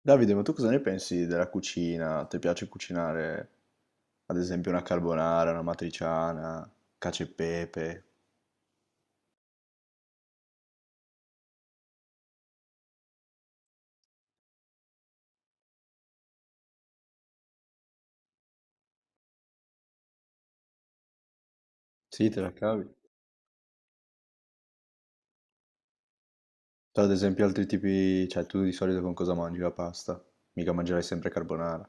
Davide, ma tu cosa ne pensi della cucina? Ti piace cucinare, ad esempio, una carbonara, una matriciana, cacio e pepe? Sì, te la cavi. Tu, ad esempio, altri tipi, cioè tu di solito con cosa mangi la pasta? Mica mangerai sempre carbonara.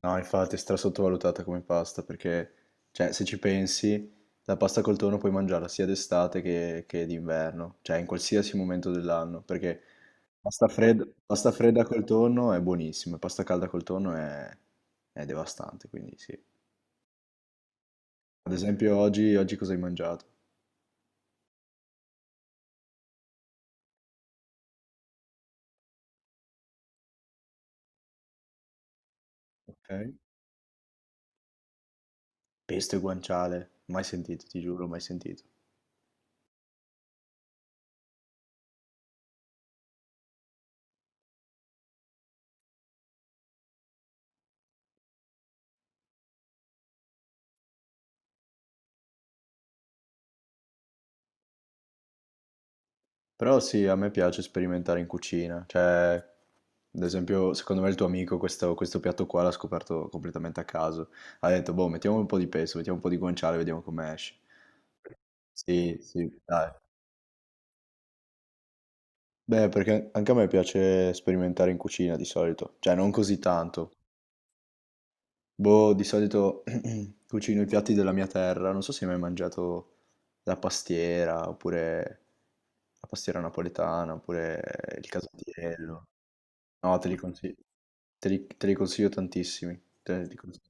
No, infatti è stra sottovalutata come pasta perché, cioè, se ci pensi, la pasta col tonno puoi mangiarla sia d'estate che d'inverno, cioè in qualsiasi momento dell'anno, perché pasta fredda col tonno è buonissima, pasta calda col tonno è devastante, quindi sì. Ad esempio oggi cosa hai mangiato? Ok? Pesto e guanciale, mai sentito, ti giuro, mai sentito. Però sì, a me piace sperimentare in cucina, cioè, ad esempio, secondo me il tuo amico questo piatto qua l'ha scoperto completamente a caso. Ha detto, boh, mettiamo un po' di pesto, mettiamo un po' di guanciale, vediamo come esce. Sì, sì, dai. Beh, perché anche a me piace sperimentare in cucina di solito, cioè non così tanto. Boh, di solito cucino i piatti della mia terra, non so se hai mai mangiato la pastiera, oppure la pastiera napoletana, oppure il casatiello. No, te li consiglio, te li consiglio tantissimi. Te li consiglio.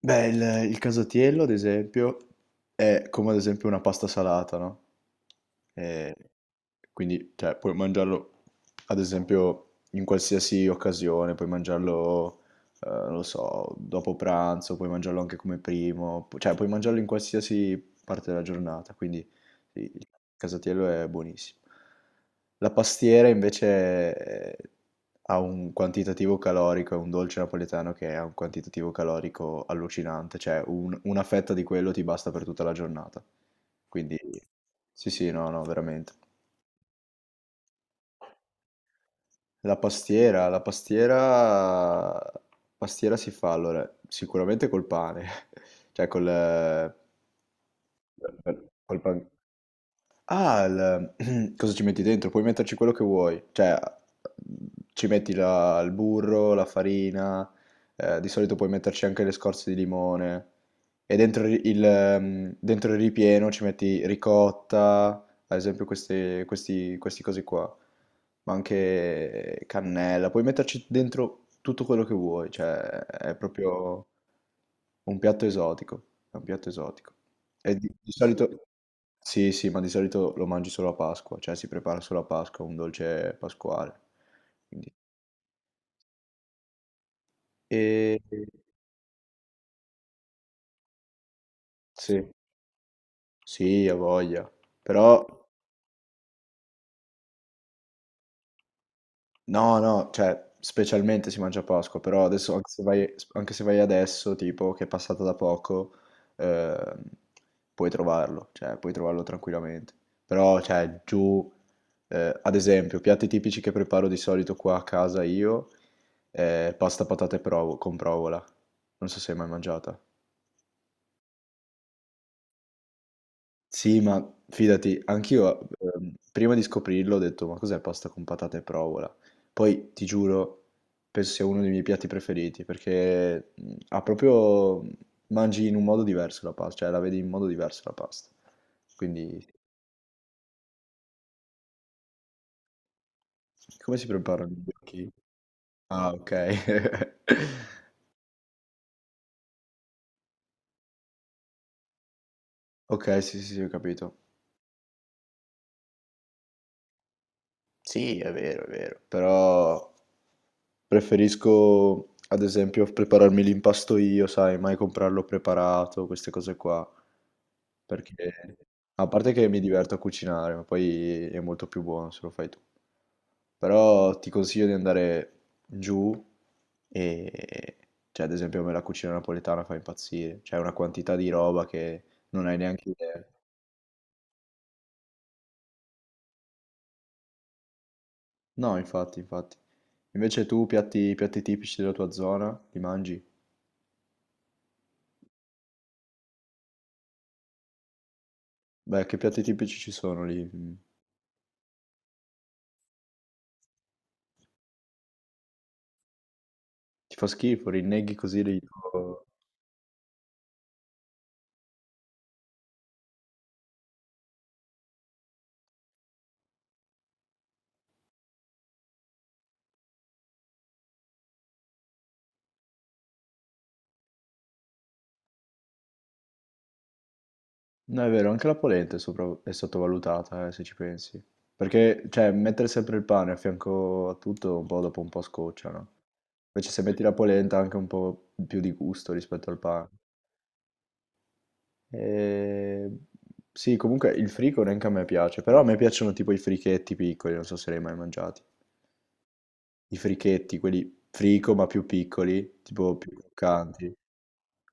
Beh, il casatiello, ad esempio, è come ad esempio una pasta salata, no? E quindi, cioè, puoi mangiarlo, ad esempio, in qualsiasi occasione, puoi mangiarlo, non lo so, dopo pranzo, puoi mangiarlo anche come primo, cioè, puoi mangiarlo in qualsiasi parte della giornata, quindi... Sì, il casatiello è buonissimo. La pastiera invece eh, ha un quantitativo calorico, è un dolce napoletano che ha un quantitativo calorico allucinante, cioè una fetta di quello ti basta per tutta la giornata. Quindi sì, sì, no, no, veramente. La pastiera si fa allora sicuramente col pane, cioè col, eh, col pan- Ah, cosa ci metti dentro? Puoi metterci quello che vuoi, cioè ci metti il burro, la farina, di solito puoi metterci anche le scorze di limone e dentro dentro il ripieno ci metti ricotta, ad esempio questi cosi qua, ma anche cannella, puoi metterci dentro tutto quello che vuoi, cioè è proprio un piatto esotico, è un piatto esotico. E di solito sì, sì, ma di solito lo mangi solo a Pasqua, cioè si prepara solo a Pasqua, un dolce pasquale. Quindi- E sì, sì, ha voglia. Però. No, no, cioè, specialmente si mangia a Pasqua, però adesso, anche se vai adesso, tipo, che è passata da poco, ehm, puoi trovarlo, cioè, puoi trovarlo tranquillamente. Però, cioè, giù, ad esempio, piatti tipici che preparo di solito qua a casa io, pasta patate con provola. Non so se hai mai mangiata. Sì, ma fidati, anch'io prima di scoprirlo ho detto, ma cos'è pasta con patate e provola? Poi, ti giuro, penso sia uno dei miei piatti preferiti, perché ha proprio... mangi in un modo diverso la pasta, cioè la vedi in modo diverso la pasta. Quindi, come si preparano i gnocchi? Ah, ok. Ok, sì, sì, sì, ho capito. Sì, è vero, però preferisco, ad esempio, prepararmi l'impasto io, sai, mai comprarlo preparato, queste cose qua, perché a parte che mi diverto a cucinare, ma poi è molto più buono se lo fai tu. Però ti consiglio di andare giù e, cioè, ad esempio, a me la cucina napoletana fa impazzire, c'è una quantità di roba che non hai neanche idea. No, infatti, infatti. Invece tu piatti tipici della tua zona, li mangi? Beh, che piatti tipici ci sono lì? Mm. Ti fa schifo, rinneghi così li... oh. No, è vero, anche la polenta è, è sottovalutata, se ci pensi. Perché, cioè, mettere sempre il pane a fianco a tutto, un po' dopo un po' scoccia, no? Invece se metti la polenta ha anche un po' più di gusto rispetto al pane. E... Sì, comunque il frico neanche a me piace, però a me piacciono tipo i frichetti piccoli, non so se li hai mai mangiati. I frichetti, quelli frico ma più piccoli, tipo più croccanti.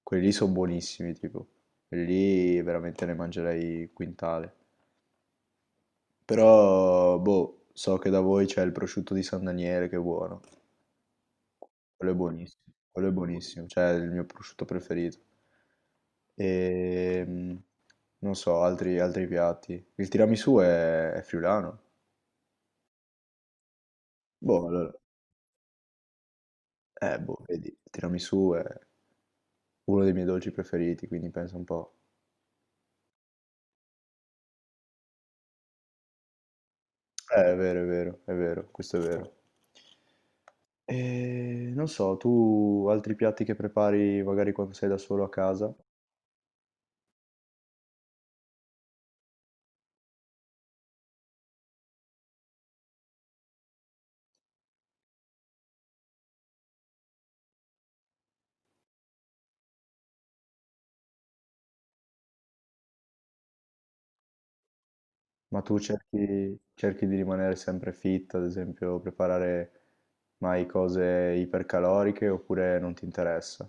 Quelli lì sono buonissimi, tipo. Quelli lì veramente ne mangerei quintale. Però, boh, so che da voi c'è il prosciutto di San Daniele che è buono. Quello è buonissimo. Quello è buonissimo, cioè è il mio prosciutto preferito. E non so, altri piatti. Il tiramisù è friulano. Boh, allora, boh, vedi, il tiramisù è uno dei miei dolci preferiti, quindi pensa un po'. È vero, è vero, è vero, questo è vero. E non so, tu altri piatti che prepari magari quando sei da solo a casa, ma tu cerchi di rimanere sempre fit, ad esempio, preparare mai cose ipercaloriche oppure non ti interessa?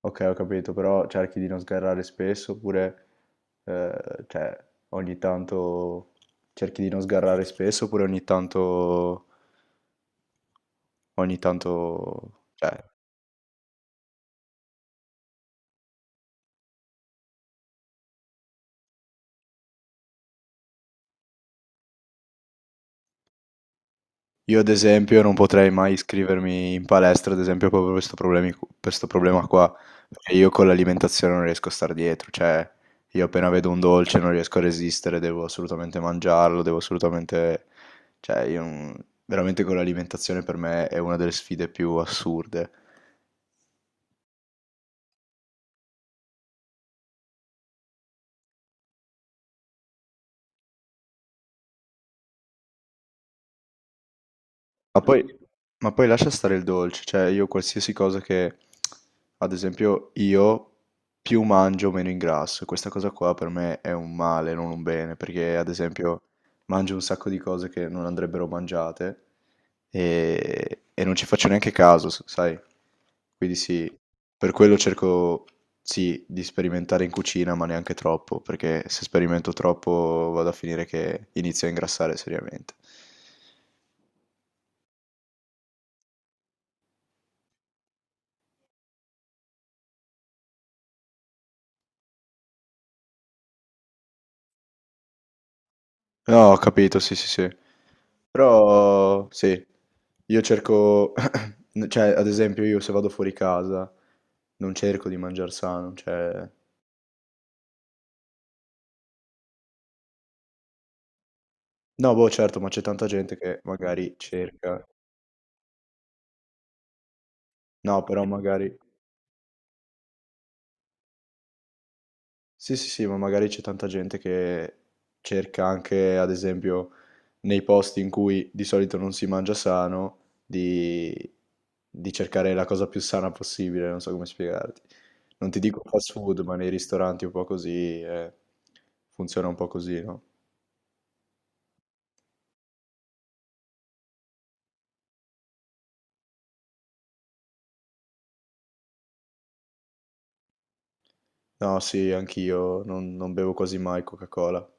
Ok, ho capito, però cerchi di non sgarrare spesso oppure, cioè, ogni tanto cerchi di non sgarrare spesso oppure ogni tanto, cioè, io ad esempio non potrei mai iscrivermi in palestra, ad esempio proprio per sto problema qua, perché io con l'alimentazione non riesco a star dietro, cioè io appena vedo un dolce non riesco a resistere, devo assolutamente mangiarlo, devo assolutamente... cioè io non- veramente con l'alimentazione per me è una delle sfide più assurde. Ma poi, ma poi lascia stare il dolce, cioè io qualsiasi cosa che, ad esempio, io più mangio meno ingrasso, questa cosa qua per me è un male, non un bene, perché ad esempio mangio un sacco di cose che non andrebbero mangiate e non ci faccio neanche caso, sai? Quindi sì, per quello cerco, sì, di sperimentare in cucina, ma neanche troppo, perché se sperimento troppo vado a finire che inizio a ingrassare seriamente. No, ho capito, sì, sì, sì. Però, sì, io cerco, cioè, ad esempio, io se vado fuori casa non cerco di mangiare sano, cioè... No, boh, certo, ma c'è tanta gente che magari cerca. No, però magari... Sì, sì, sì, ma magari c'è tanta gente che cerca anche, ad esempio, nei posti in cui di solito non si mangia sano, di, di cercare la cosa più sana possibile, non so come spiegarti. Non ti dico fast food, ma nei ristoranti un po' così, funziona un po' così, no? No, sì, anch'io non bevo quasi mai Coca-Cola.